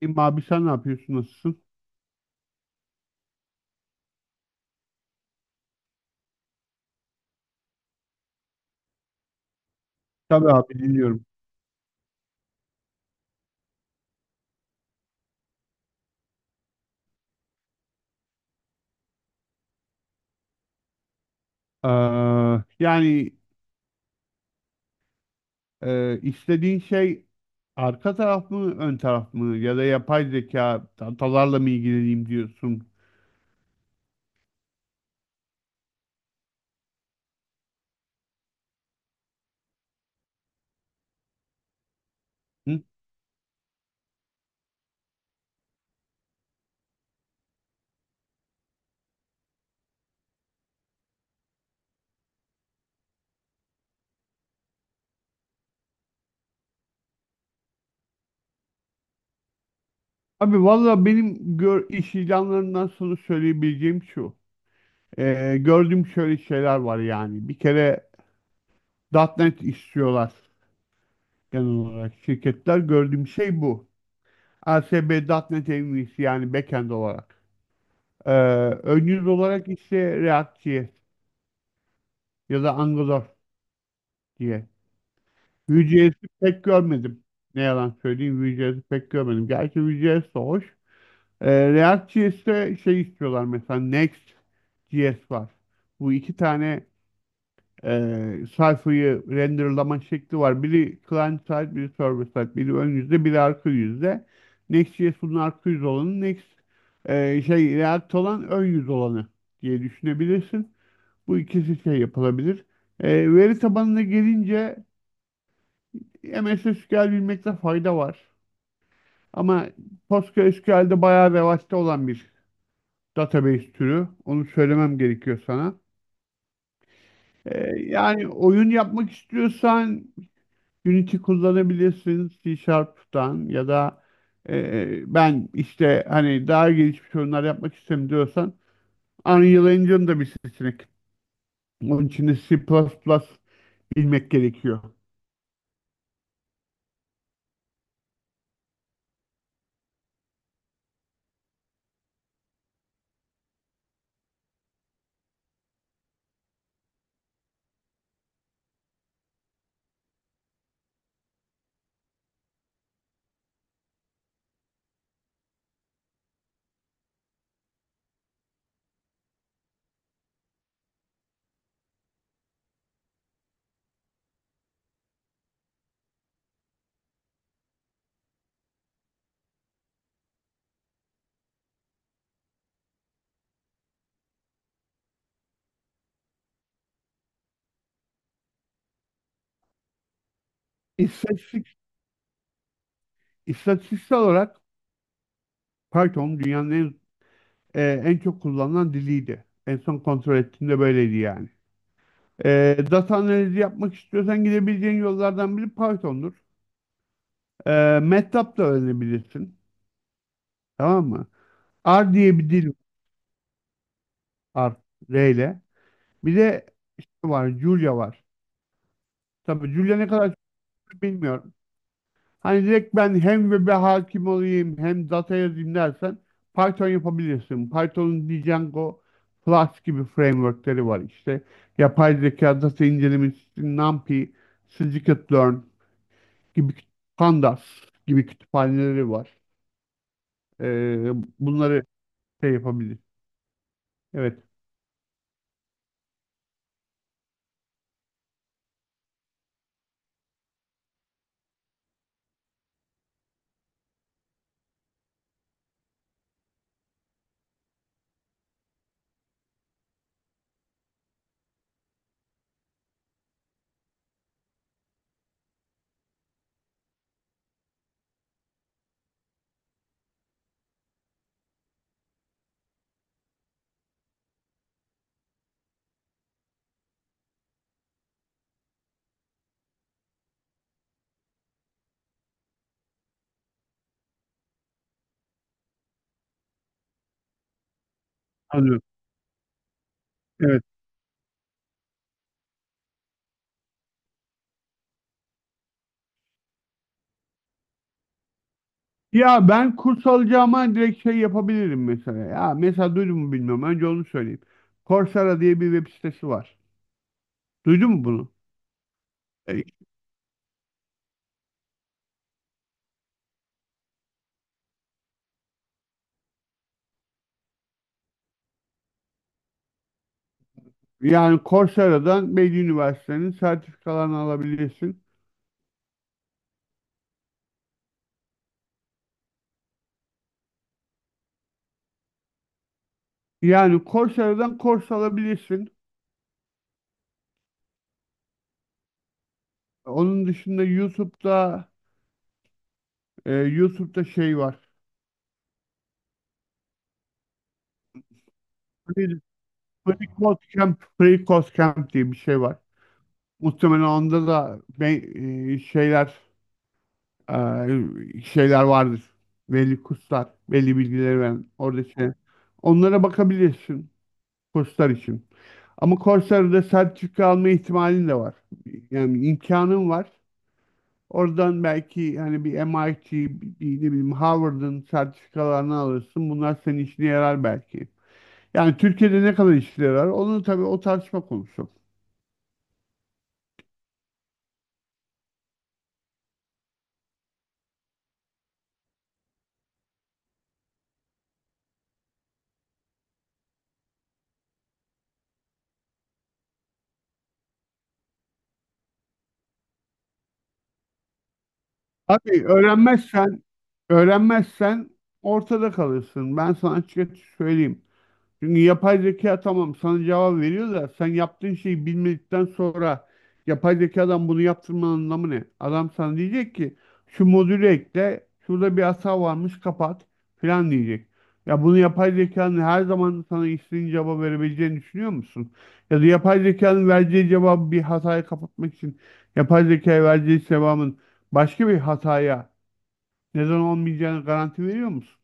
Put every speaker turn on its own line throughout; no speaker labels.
İyiyim abi sen ne yapıyorsun? Nasılsın? Tabii abi dinliyorum. Ee, yani istediğin şey arka taraf mı ön taraf mı ya da yapay zeka datalarla mı ilgileneyim diyorsun? Hı? Abi valla iş ilanlarından sonra söyleyebileceğim şu. Gördüğüm şöyle şeyler var yani. Bir kere .NET istiyorlar genel olarak şirketler. Gördüğüm şey bu. ASP.NET en iyisi yani backend olarak. Ee, Ön yüz olarak ise React.js ya da Angular diye. Vue.js'i pek görmedim. Ne yalan söyleyeyim, Vue.js'i pek görmedim. Gerçi Vue.js de hoş. React.js'te şey istiyorlar, mesela Next.js var. Bu iki tane sayfayı renderlama şekli var. Biri client side, biri server side. Biri ön yüzde, biri arka yüzde. Next.js bunun arka yüz olanı. Next e, şey React olan ön yüz olanı diye düşünebilirsin. Bu ikisi şey yapılabilir. E, veri tabanına gelince MSSQL bilmekte fayda var. Ama PostgreSQL'de bayağı revaçta olan bir database türü. Onu söylemem gerekiyor sana. Yani oyun yapmak istiyorsan Unity kullanabilirsin C Sharp'tan, ya da ben işte hani daha gelişmiş oyunlar yapmak istiyorum diyorsan Unreal Engine da bir seçenek. Onun için de C++ plus plus bilmek gerekiyor. İstatistik, istatistiksel olarak Python dünyanın en çok kullanılan diliydi. En son kontrol ettiğimde böyleydi yani. E, data analizi yapmak istiyorsan gidebileceğin yollardan biri Python'dur. E, MATLAB da öğrenebilirsin. Tamam mı? R diye bir dil var. R ile. Bir de var. Julia var. Tabii Julia ne kadar çok bilmiyorum. Hani direkt ben hem web'e hakim olayım hem data yazayım dersen Python yapabilirsin. Python'un Django, Flask gibi frameworkleri var işte. Yapay zeka data incelemesi, NumPy, scikit-learn gibi küt- pandas gibi kütüphaneleri var. Ee, Bunları şey yapabilir. Evet, anlıyorum. Evet. Ya ben kurs alacağıma direkt şey yapabilirim mesela. Ya mesela duydun mu bilmiyorum. Önce onu söyleyeyim. Coursera diye bir web sitesi var. Duydun mu bunu? Yani Coursera'dan Bilgi Üniversitesi'nin sertifikalarını alabilirsin. Yani Coursera'dan kurs alabilirsin. Onun dışında YouTube'da şey var. Free, Free Code Camp, Free Code Camp diye bir şey var. Muhtemelen onda da şeyler vardır. Belli kurslar, belli bilgileri veren orada şey. Onlara bakabilirsin kurslar için. Ama Coursera'da sertifika alma ihtimalin de var. Yani imkanın var. Oradan belki hani bir MIT, bir ne bileyim Harvard'ın sertifikalarını alırsın. Bunlar senin işine yarar belki. Yani Türkiye'de ne kadar işine yarar? Onu tabii o tartışma konusu. Abi öğrenmezsen ortada kalırsın. Ben sana açıkça söyleyeyim. Çünkü yapay zeka tamam sana cevap veriyor da sen yaptığın şeyi bilmedikten sonra yapay zekadan bunu yaptırmanın anlamı ne? Adam sana diyecek ki şu modülü ekle, şurada bir hata varmış kapat filan diyecek. Ya bunu yapay zekanın her zaman sana istediğin cevabı verebileceğini düşünüyor musun? Ya da yapay zekanın vereceği cevabı bir hatayı kapatmak için yapay zekaya vereceği cevabın başka bir hataya neden olmayacağını garanti veriyor musun?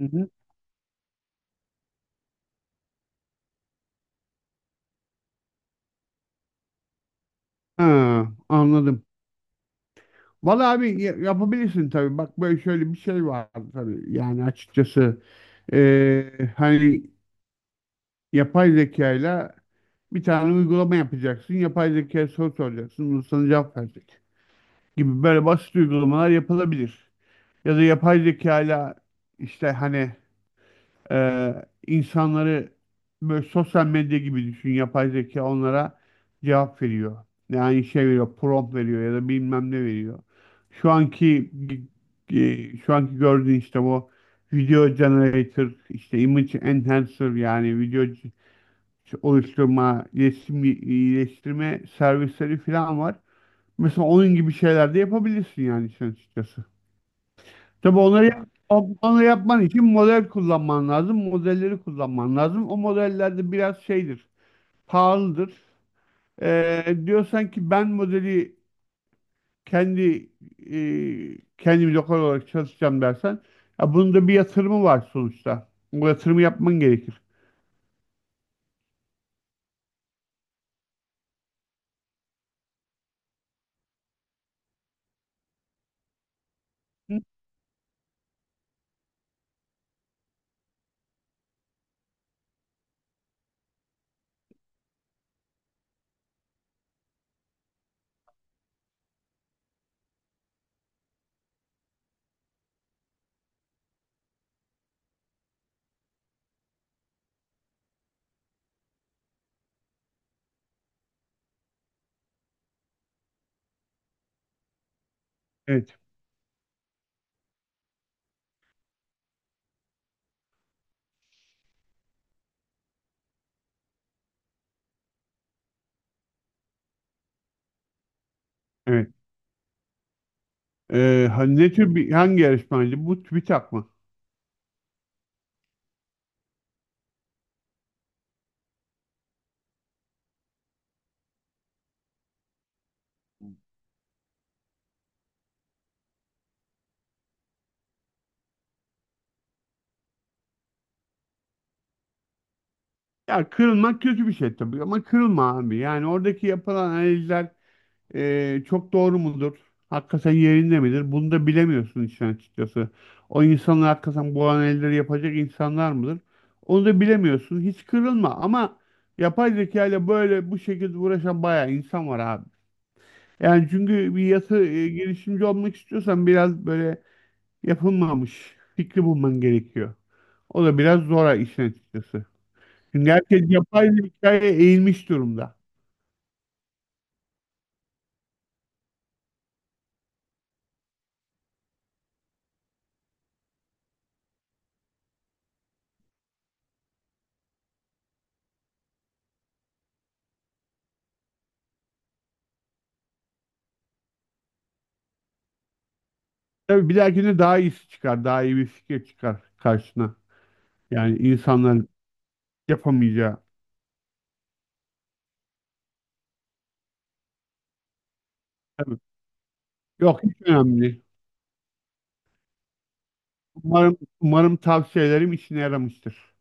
Hı hı. Ha, anladım. Vallahi abi yapabilirsin tabii. Bak böyle şöyle bir şey var tabii. Yani açıkçası hani yapay zekayla bir tane uygulama yapacaksın. Yapay zekaya soru soracaksın. Bunu sana cevap verecek. Gibi böyle basit uygulamalar yapılabilir. Ya da yapay zekayla işte hani insanları böyle sosyal medya gibi düşün. Yapay zeka onlara cevap veriyor. Yani şey veriyor, prompt veriyor ya da bilmem ne veriyor. Şu anki şu anki gördüğün işte bu video generator, işte image enhancer yani oluşturma, resim iyileştirme servisleri falan var. Mesela onun gibi şeyler de yapabilirsin yani sen açıkçası. Tabii onları yapman için model kullanman lazım. Modelleri kullanman lazım. O modellerde biraz şeydir, pahalıdır. Diyorsan ki ben modeli kendi kendim lokal olarak çalışacağım dersen ya bunun da bir yatırımı var sonuçta. Bu yatırımı yapman gerekir. Hı? Evet, evet. Ne tür bir hangi yarışmaydı? Bu TÜBİTAK mı? Ya kırılmak kötü bir şey tabii ama kırılma abi. Yani oradaki yapılan analizler çok doğru mudur? Hakikaten yerinde midir? Bunu da bilemiyorsun işin açıkçası. O insanlar hakikaten bu analizleri yapacak insanlar mıdır? Onu da bilemiyorsun. Hiç kırılma ama yapay zeka ile böyle bu şekilde uğraşan bayağı insan var abi. Yani çünkü girişimci olmak istiyorsan biraz böyle yapılmamış fikri bulman gerekiyor. O da biraz zor işin açıkçası. Çünkü herkes yapay zekaya eğilmiş durumda. Tabii bir dahakine daha iyisi çıkar. Daha iyi bir fikir çıkar karşına. Yani insanların yapamayacağı. Tabii. Yok, hiç önemli değil. Umarım tavsiyelerim işine yaramıştır.